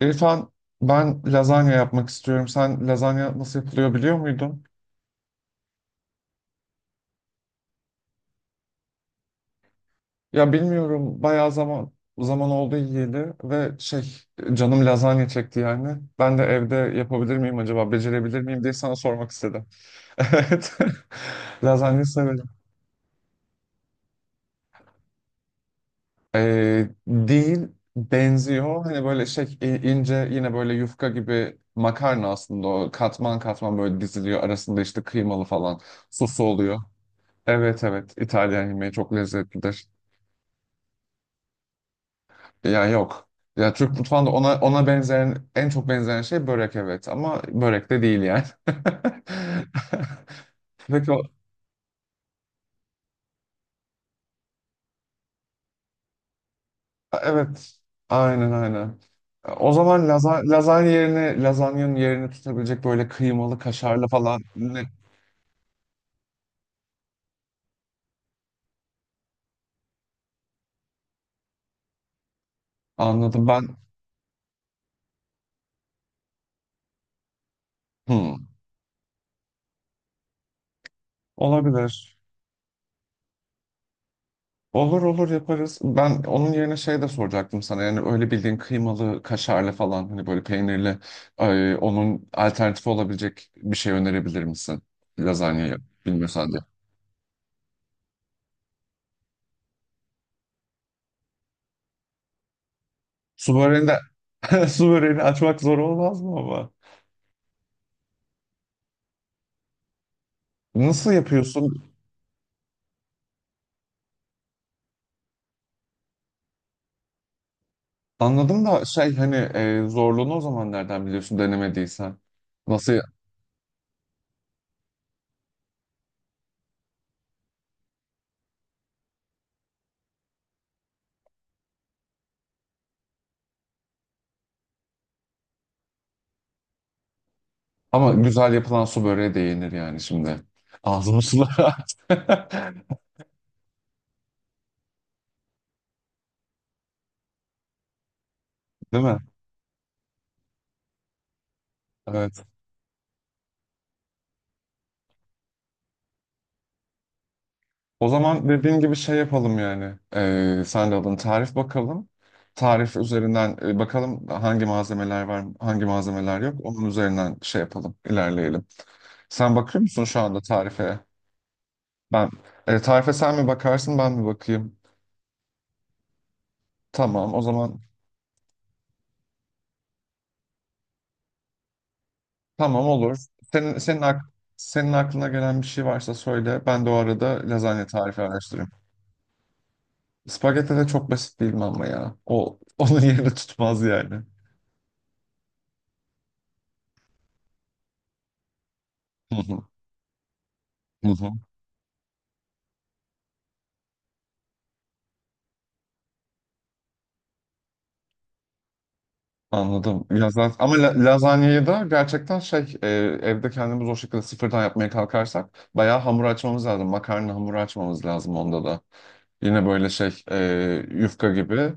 İrfan, ben lazanya yapmak istiyorum. Sen lazanya nasıl yapılıyor biliyor muydun? Ya bilmiyorum. Bayağı zaman oldu yiyeli ve şey, canım lazanya çekti yani. Ben de evde yapabilir miyim acaba? Becerebilir miyim diye sana sormak istedim. Evet. Lazanya severim. Değil Benziyor. Hani böyle şey ince yine böyle yufka gibi makarna, aslında o katman katman böyle diziliyor. Arasında işte kıymalı falan sosu oluyor. Evet, evet, İtalyan yemeği çok lezzetlidir. Ya yok. Ya Türk mutfağında ona benzeyen, en çok benzeyen şey börek, evet, ama börek de değil yani. Peki o, evet, aynen aynen. O zaman lazanya yerine, lazanyanın yerini tutabilecek böyle kıymalı kaşarlı falan ne anladım ben. Hmm, olabilir. Olur olur, yaparız. Ben onun yerine şey de soracaktım sana. Yani öyle bildiğin kıymalı, kaşarlı falan, hani böyle peynirli, onun alternatifi olabilecek bir şey önerebilir misin? Lazanyayı bilmiyorsan diye. Su böreğini de su böreğini açmak zor olmaz mı ama? Nasıl yapıyorsun? Anladım da şey hani, zorluğunu o zaman nereden biliyorsun denemediysen? Nasıl? Ama güzel yapılan su böreği de yenir yani şimdi. Ağzım sulandı. Değil mi? Evet. O zaman dediğin gibi şey yapalım yani. Sen de alın tarif bakalım. Tarif üzerinden bakalım hangi malzemeler var, hangi malzemeler yok. Onun üzerinden şey yapalım, ilerleyelim. Sen bakıyor musun şu anda tarife? Ben tarife sen mi bakarsın, ben mi bakayım? Tamam, o zaman tamam, olur. Senin senin ak Senin aklına gelen bir şey varsa söyle. Ben de o arada lazanya tarifi araştırayım. Spagetti de çok basit değil mi ama ya? O onun yerini tutmaz yani. Anladım. Ya zaten, ama lazanyayı da gerçekten şey, evde kendimiz o şekilde sıfırdan yapmaya kalkarsak bayağı hamur açmamız lazım. Makarna hamuru açmamız lazım onda da. Yine böyle şey, yufka gibi.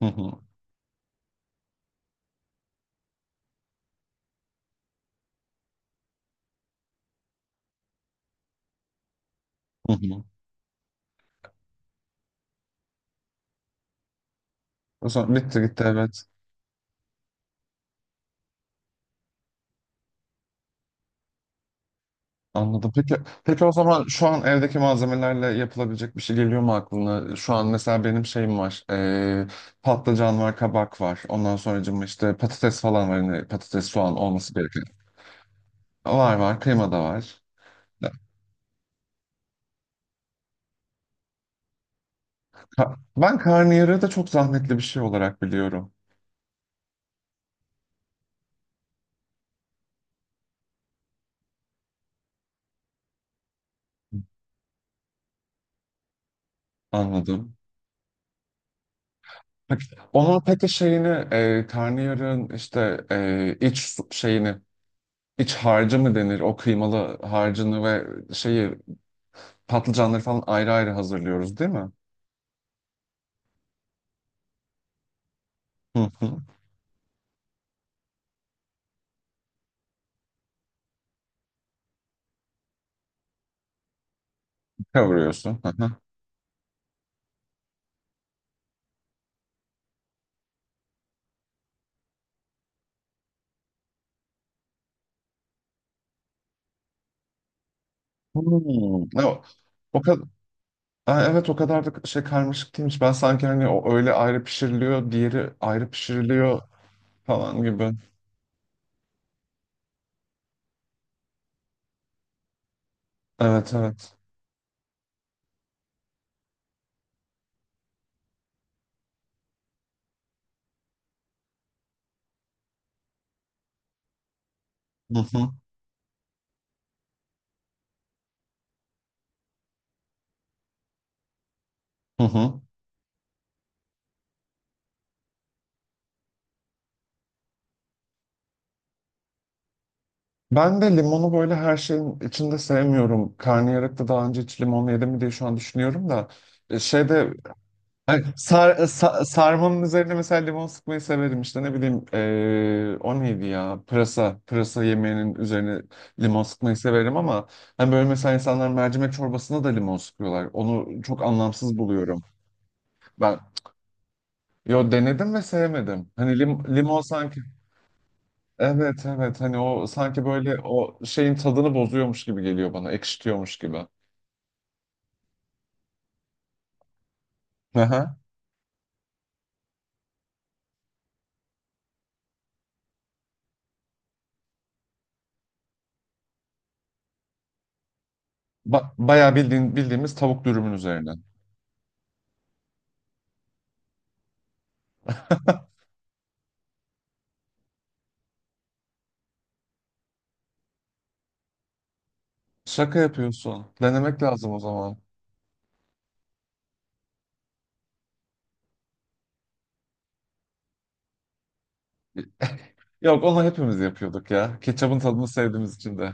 Hı hı, hı hı. O zaman bitti gitti, evet. Anladım. Peki, peki o zaman şu an evdeki malzemelerle yapılabilecek bir şey geliyor mu aklına? Şu an mesela benim şeyim var. E, patlıcan var, kabak var. Ondan sonracığıma işte patates falan var. Hani patates, soğan olması gereken. Var var. Kıyma da var. Ben karnıyarığı da çok zahmetli bir şey olarak biliyorum. Anladım. Peki, onun peki şeyini, karnıyarığın işte şeyini, iç harcı mı denir? O kıymalı harcını ve şeyi, patlıcanları falan ayrı ayrı hazırlıyoruz değil mi? Hı hı. Kavuruyorsun. Hı hı. Hmm. O, o kadar, evet, o kadar da şey karmaşık değilmiş. Ben sanki hani o öyle ayrı pişiriliyor, diğeri ayrı pişiriliyor falan gibi. Evet evet. Hı hı. Hı hı. Ben de limonu böyle her şeyin içinde sevmiyorum. Karnıyarıkta daha önce hiç limon yedim mi diye şu an düşünüyorum da. Şeyde ay, sarmanın üzerine mesela limon sıkmayı severim, işte ne bileyim, o neydi ya, pırasa yemeğinin üzerine limon sıkmayı severim ama hani böyle mesela insanlar mercimek çorbasına da limon sıkıyorlar, onu çok anlamsız buluyorum ben. Yo, denedim ve sevmedim, hani limon sanki. Evet evet, hani o sanki böyle o şeyin tadını bozuyormuş gibi geliyor bana, ekşitiyormuş gibi. Aha. Ba bayağı bildiğin, bildiğimiz tavuk dürümün üzerine. Şaka yapıyorsun. Denemek lazım o zaman. Yok, onu hepimiz yapıyorduk ya. Ketçapın tadını sevdiğimiz için de.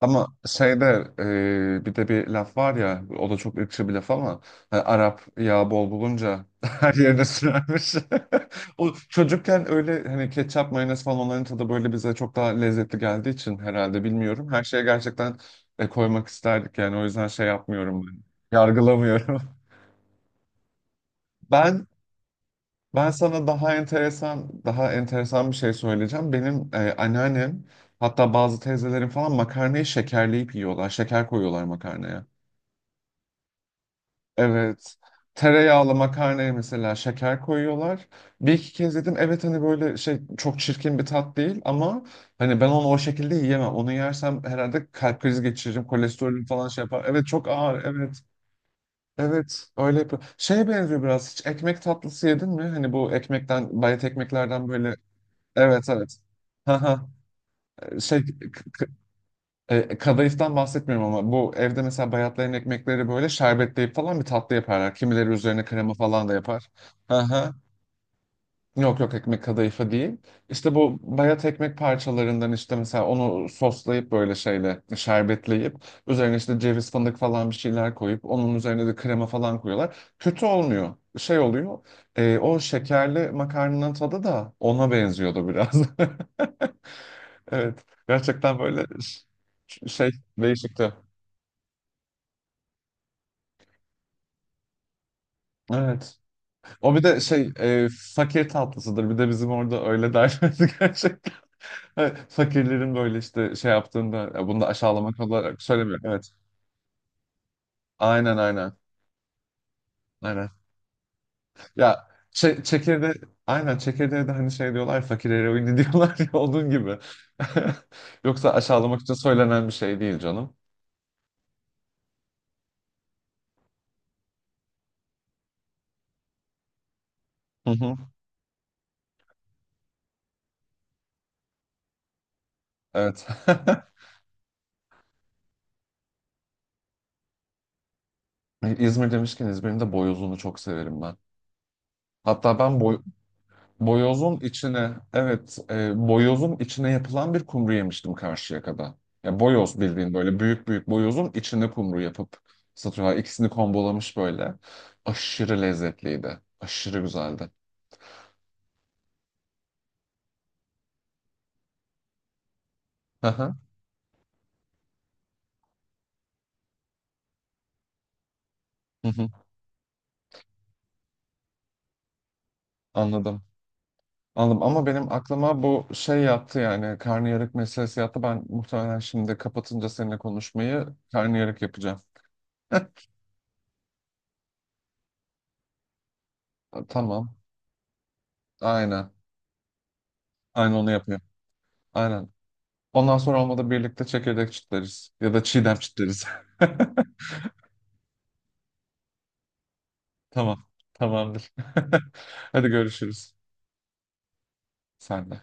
Ama şeyde, bir de bir laf var ya, o da çok ırkçı bir laf ama, hani Arap yağ bol bulunca her yerine sürermiş. O çocukken öyle hani ketçap, mayonez falan, onların tadı böyle bize çok daha lezzetli geldiği için herhalde, bilmiyorum. Her şeye gerçekten koymak isterdik yani, o yüzden şey yapmıyorum ben. Yargılamıyorum. Ben ben sana daha enteresan, daha enteresan bir şey söyleyeceğim. Benim anneannem, hatta bazı teyzelerin falan makarnayı şekerleyip yiyorlar. Şeker koyuyorlar makarnaya. Evet. Tereyağlı makarnaya mesela şeker koyuyorlar. Bir iki kez yedim. Evet, hani böyle şey, çok çirkin bir tat değil ama hani ben onu o şekilde yiyemem. Onu yersem herhalde kalp krizi geçiririm. Kolesterolüm falan şey yapar. Evet, çok ağır. Evet. Evet, öyle yapıyor. Şeye benziyor biraz. Hiç ekmek tatlısı yedin mi? Hani bu ekmekten, bayat ekmeklerden böyle. Evet evet. Haha, şey, kadayıftan bahsetmiyorum ama bu evde mesela bayatlayan ekmekleri böyle şerbetleyip falan bir tatlı yaparlar. Kimileri üzerine krema falan da yapar. Aha. Yok yok, ekmek kadayıfı değil. İşte bu bayat ekmek parçalarından, işte mesela onu soslayıp böyle şeyle şerbetleyip üzerine işte ceviz, fındık falan bir şeyler koyup, onun üzerine de krema falan koyuyorlar. Kötü olmuyor. Şey oluyor, o şekerli makarnanın tadı da ona benziyordu biraz. Evet. Gerçekten böyle şey, değişikti. Evet. O bir de şey, fakir tatlısıdır. Bir de bizim orada öyle derlerdi gerçekten. Evet, fakirlerin böyle işte şey yaptığında, ya bunu da aşağılamak olarak söylemiyorum. Evet. Aynen aynen. Aynen. Ya çe Çekirde, aynen, çekirdeğe de hani şey diyorlar, fakir eroini diyorlar ya, onun gibi. Yoksa aşağılamak için söylenen bir şey değil canım. Hı hı. Evet. İzmir demişken, İzmir'in de boyozunu çok severim ben. Hatta ben boy Boyozun içine, evet, boyozun içine yapılan bir kumru yemiştim Karşıyaka'da. Ya boyoz, bildiğin böyle büyük büyük boyozun içine kumru yapıp satıyorlar. İkisini kombolamış böyle. Aşırı lezzetliydi. Aşırı güzeldi. Hı hı, hı hı. Anladım. Anladım, ama benim aklıma bu şey yattı yani, karnıyarık meselesi yattı. Ben muhtemelen şimdi kapatınca seninle konuşmayı karnıyarık yapacağım. Tamam. Aynen. Aynen onu yapıyorum. Aynen. Ondan sonra olmadı birlikte çekirdek çitleriz. Ya da çiğdem çitleriz. Tamam. Tamamdır. Hadi görüşürüz. Sen de.